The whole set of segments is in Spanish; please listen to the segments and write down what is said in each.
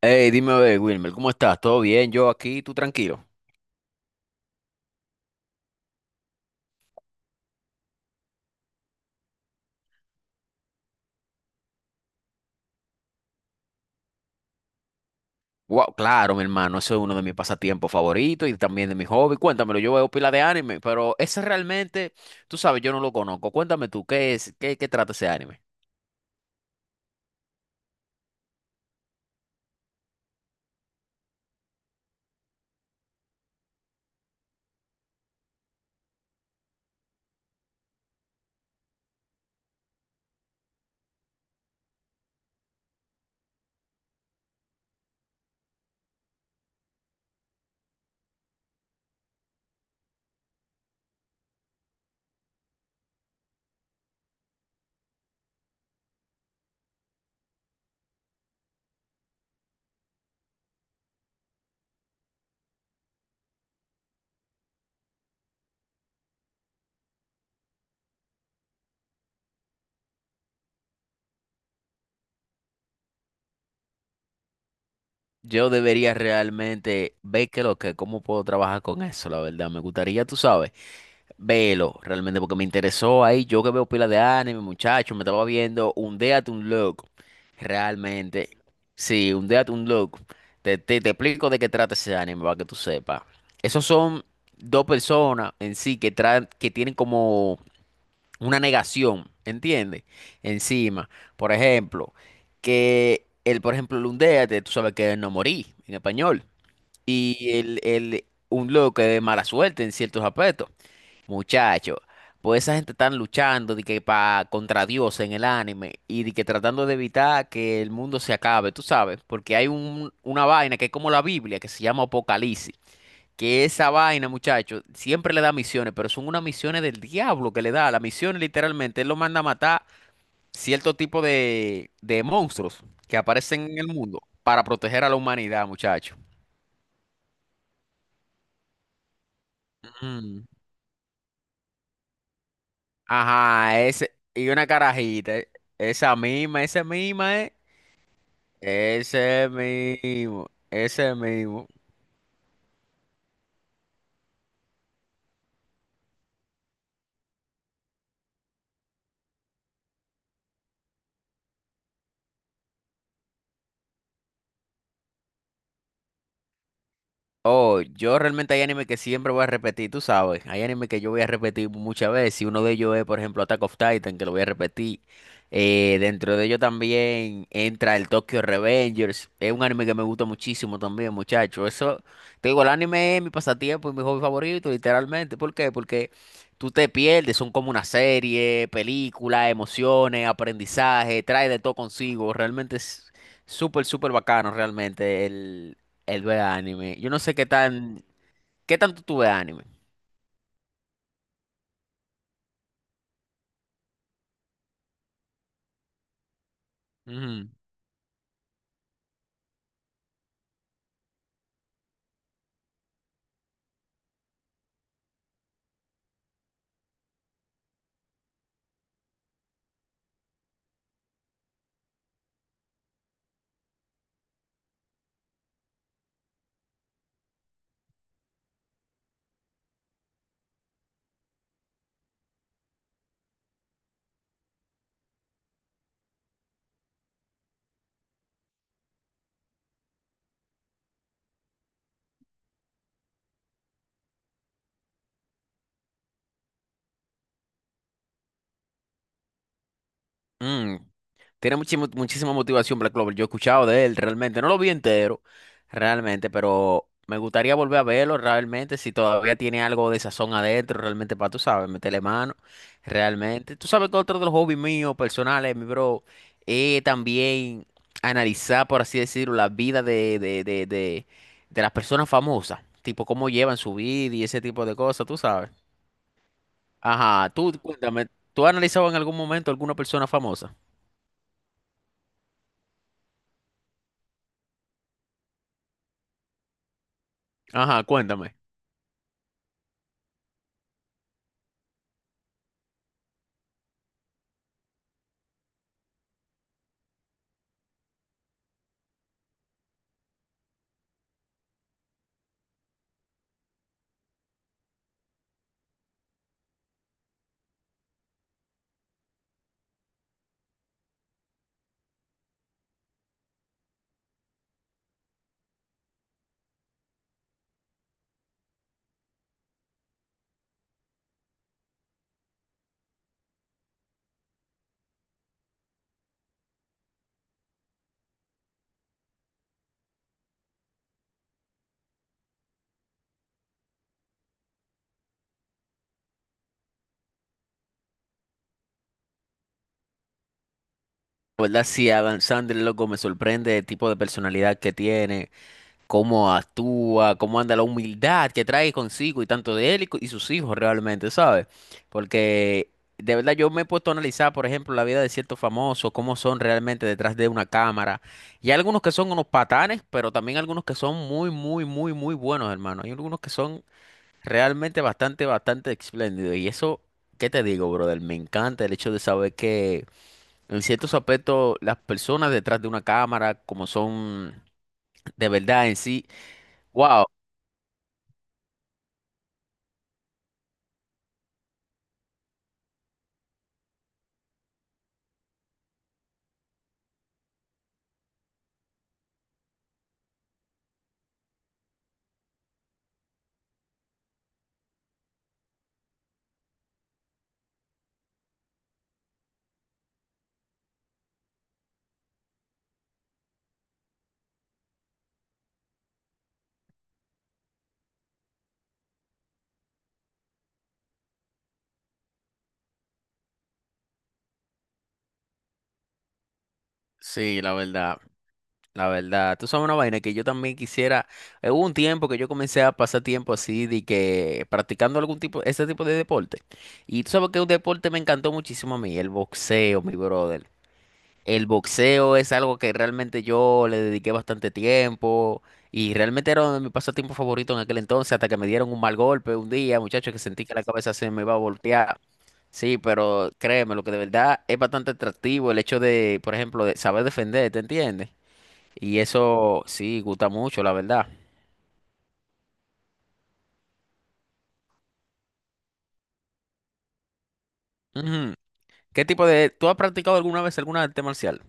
Hey, dime, a ver, Wilmer, ¿cómo estás? ¿Todo bien? Yo aquí, tú tranquilo. Wow, claro, mi hermano, eso es uno de mis pasatiempos favoritos y también de mi hobby. Cuéntamelo, yo veo pila de anime, pero ese realmente, tú sabes, yo no lo conozco. Cuéntame tú, ¿qué es? ¿Qué trata ese anime? Yo debería realmente ver qué lo que, cómo puedo trabajar con eso, la verdad. Me gustaría, tú sabes, verlo realmente porque me interesó ahí. Yo que veo pila de anime, muchacho, me estaba viendo un Death un Loco. Realmente, sí, un Death un Loco. Te explico de qué trata ese anime para que tú sepas. Esos son dos personas en sí que, traen, que tienen como una negación, ¿entiendes? Encima, por ejemplo, que él, por ejemplo, lundeate, tú sabes que es no morí en español. Y el un loco que es mala suerte en ciertos aspectos. Muchacho, pues esa gente están luchando de que pa, contra Dios en el anime y de que tratando de evitar que el mundo se acabe, tú sabes, porque hay un, una vaina que es como la Biblia que se llama Apocalipsis. Que esa vaina, muchacho, siempre le da misiones, pero son unas misiones del diablo que le da. La misión literalmente, él lo manda a matar cierto tipo de monstruos que aparecen en el mundo para proteger a la humanidad, muchacho. Mm. Ajá, ese, y una carajita, esa misma, ese mismo, ese mismo. Oh, yo realmente hay anime que siempre voy a repetir, tú sabes. Hay anime que yo voy a repetir muchas veces. Y uno de ellos es, por ejemplo, Attack of Titan, que lo voy a repetir. Dentro de ello también entra el Tokyo Revengers. Es un anime que me gusta muchísimo también, muchacho. Eso, te digo, el anime es mi pasatiempo y mi hobby favorito, literalmente. ¿Por qué? Porque tú te pierdes, son como una serie, película, emociones, aprendizaje, trae de todo consigo. Realmente es súper, súper bacano, realmente. Él ve anime. Yo no sé qué tan, qué tanto tú ves anime. Ujú. Mm, Tiene muchísimo- muchísima motivación Black Clover. Yo he escuchado de él realmente. No lo vi entero, realmente, pero me gustaría volver a verlo realmente. Si todavía tiene algo de sazón adentro, realmente, para tú sabes, meterle mano. Realmente. Tú sabes que otro de los hobbies míos, personales, mi bro, es también analizar, por así decirlo, la vida de de las personas famosas. Tipo, cómo llevan su vida y ese tipo de cosas, tú sabes. Ajá, tú cuéntame, ¿tú has analizado en algún momento alguna persona famosa? Ajá, cuéntame. La ¿verdad? Sí, Adam Sandler, loco, me sorprende el tipo de personalidad que tiene, cómo actúa, cómo anda la humildad que trae consigo y tanto de él y, co- y sus hijos realmente, ¿sabes? Porque de verdad yo me he puesto a analizar, por ejemplo, la vida de ciertos famosos, cómo son realmente detrás de una cámara. Y hay algunos que son unos patanes, pero también algunos que son muy, muy, muy, muy buenos, hermano. Hay algunos que son realmente bastante, bastante espléndido. Y eso, ¿qué te digo, brother? Me encanta el hecho de saber que en ciertos aspectos las personas detrás de una cámara, como son de verdad en sí, wow. Sí, la verdad, la verdad. Tú sabes una vaina que yo también quisiera. Hubo un tiempo que yo comencé a pasar tiempo así, de que practicando algún tipo, ese tipo de deporte. Y tú sabes que un deporte me encantó muchísimo a mí, el boxeo, mi brother. El boxeo es algo que realmente yo le dediqué bastante tiempo y realmente era uno de mis pasatiempos favoritos en aquel entonces, hasta que me dieron un mal golpe un día, muchachos, que sentí que la cabeza se me iba a voltear. Sí, pero créeme, lo que de verdad es bastante atractivo el hecho de, por ejemplo, de saber defender, ¿te entiendes? Y eso sí, gusta mucho, la verdad. Ujú. ¿Qué tipo de... ¿Tú has practicado alguna vez alguna arte marcial?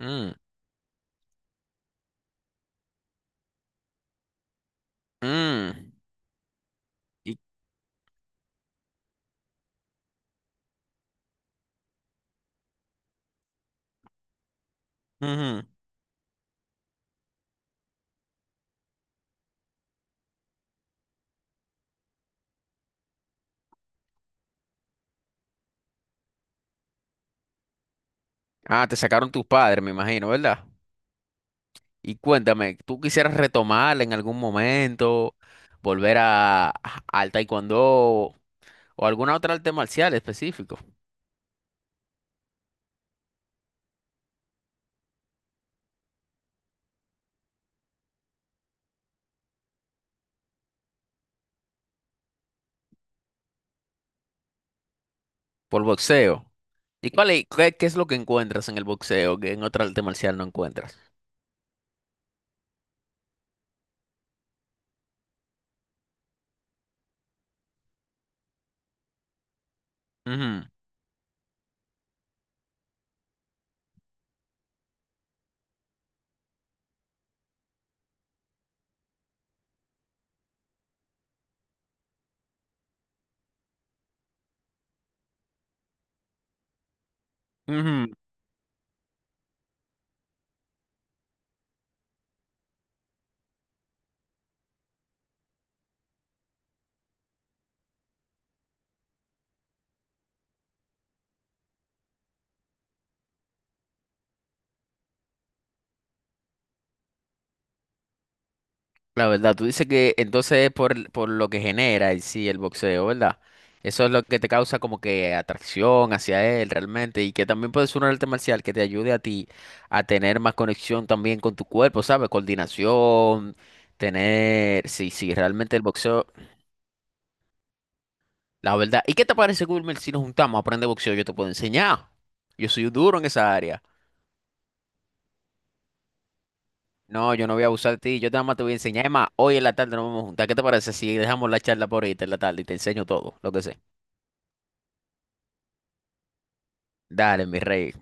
Mm, mm, y- ujú. Ah, te sacaron tus padres, me imagino, ¿verdad? Y cuéntame, ¿tú quisieras retomar en algún momento, volver a- al taekwondo o alguna otra arte marcial específico por boxeo? ¿Y cuál es, qué, qué es lo que encuentras en el boxeo que en otra arte marcial no encuentras? Ujú, ujú. La verdad, tú dices que entonces es por lo que genera en sí el boxeo, ¿verdad? Eso es lo que te causa como que atracción hacia él realmente y que también puede ser un arte marcial que te ayude a ti a tener más conexión también con tu cuerpo, ¿sabes? Coordinación, tener, sí, sí, realmente el boxeo, la verdad. ¿Y qué te parece, Wilmer, si nos juntamos a aprender boxeo? Yo te puedo enseñar. Yo soy un duro en esa área. No, yo no voy a abusar de ti, yo nada más te voy a enseñar. Es más, hoy en la tarde nos vamos a juntar. ¿Qué te parece si dejamos la charla por ahorita en la tarde y te enseño todo, lo que sé? Dale, mi rey.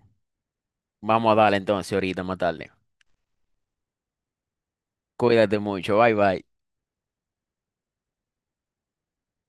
Vamos a darle entonces ahorita más tarde. Cuídate mucho. Bye bye.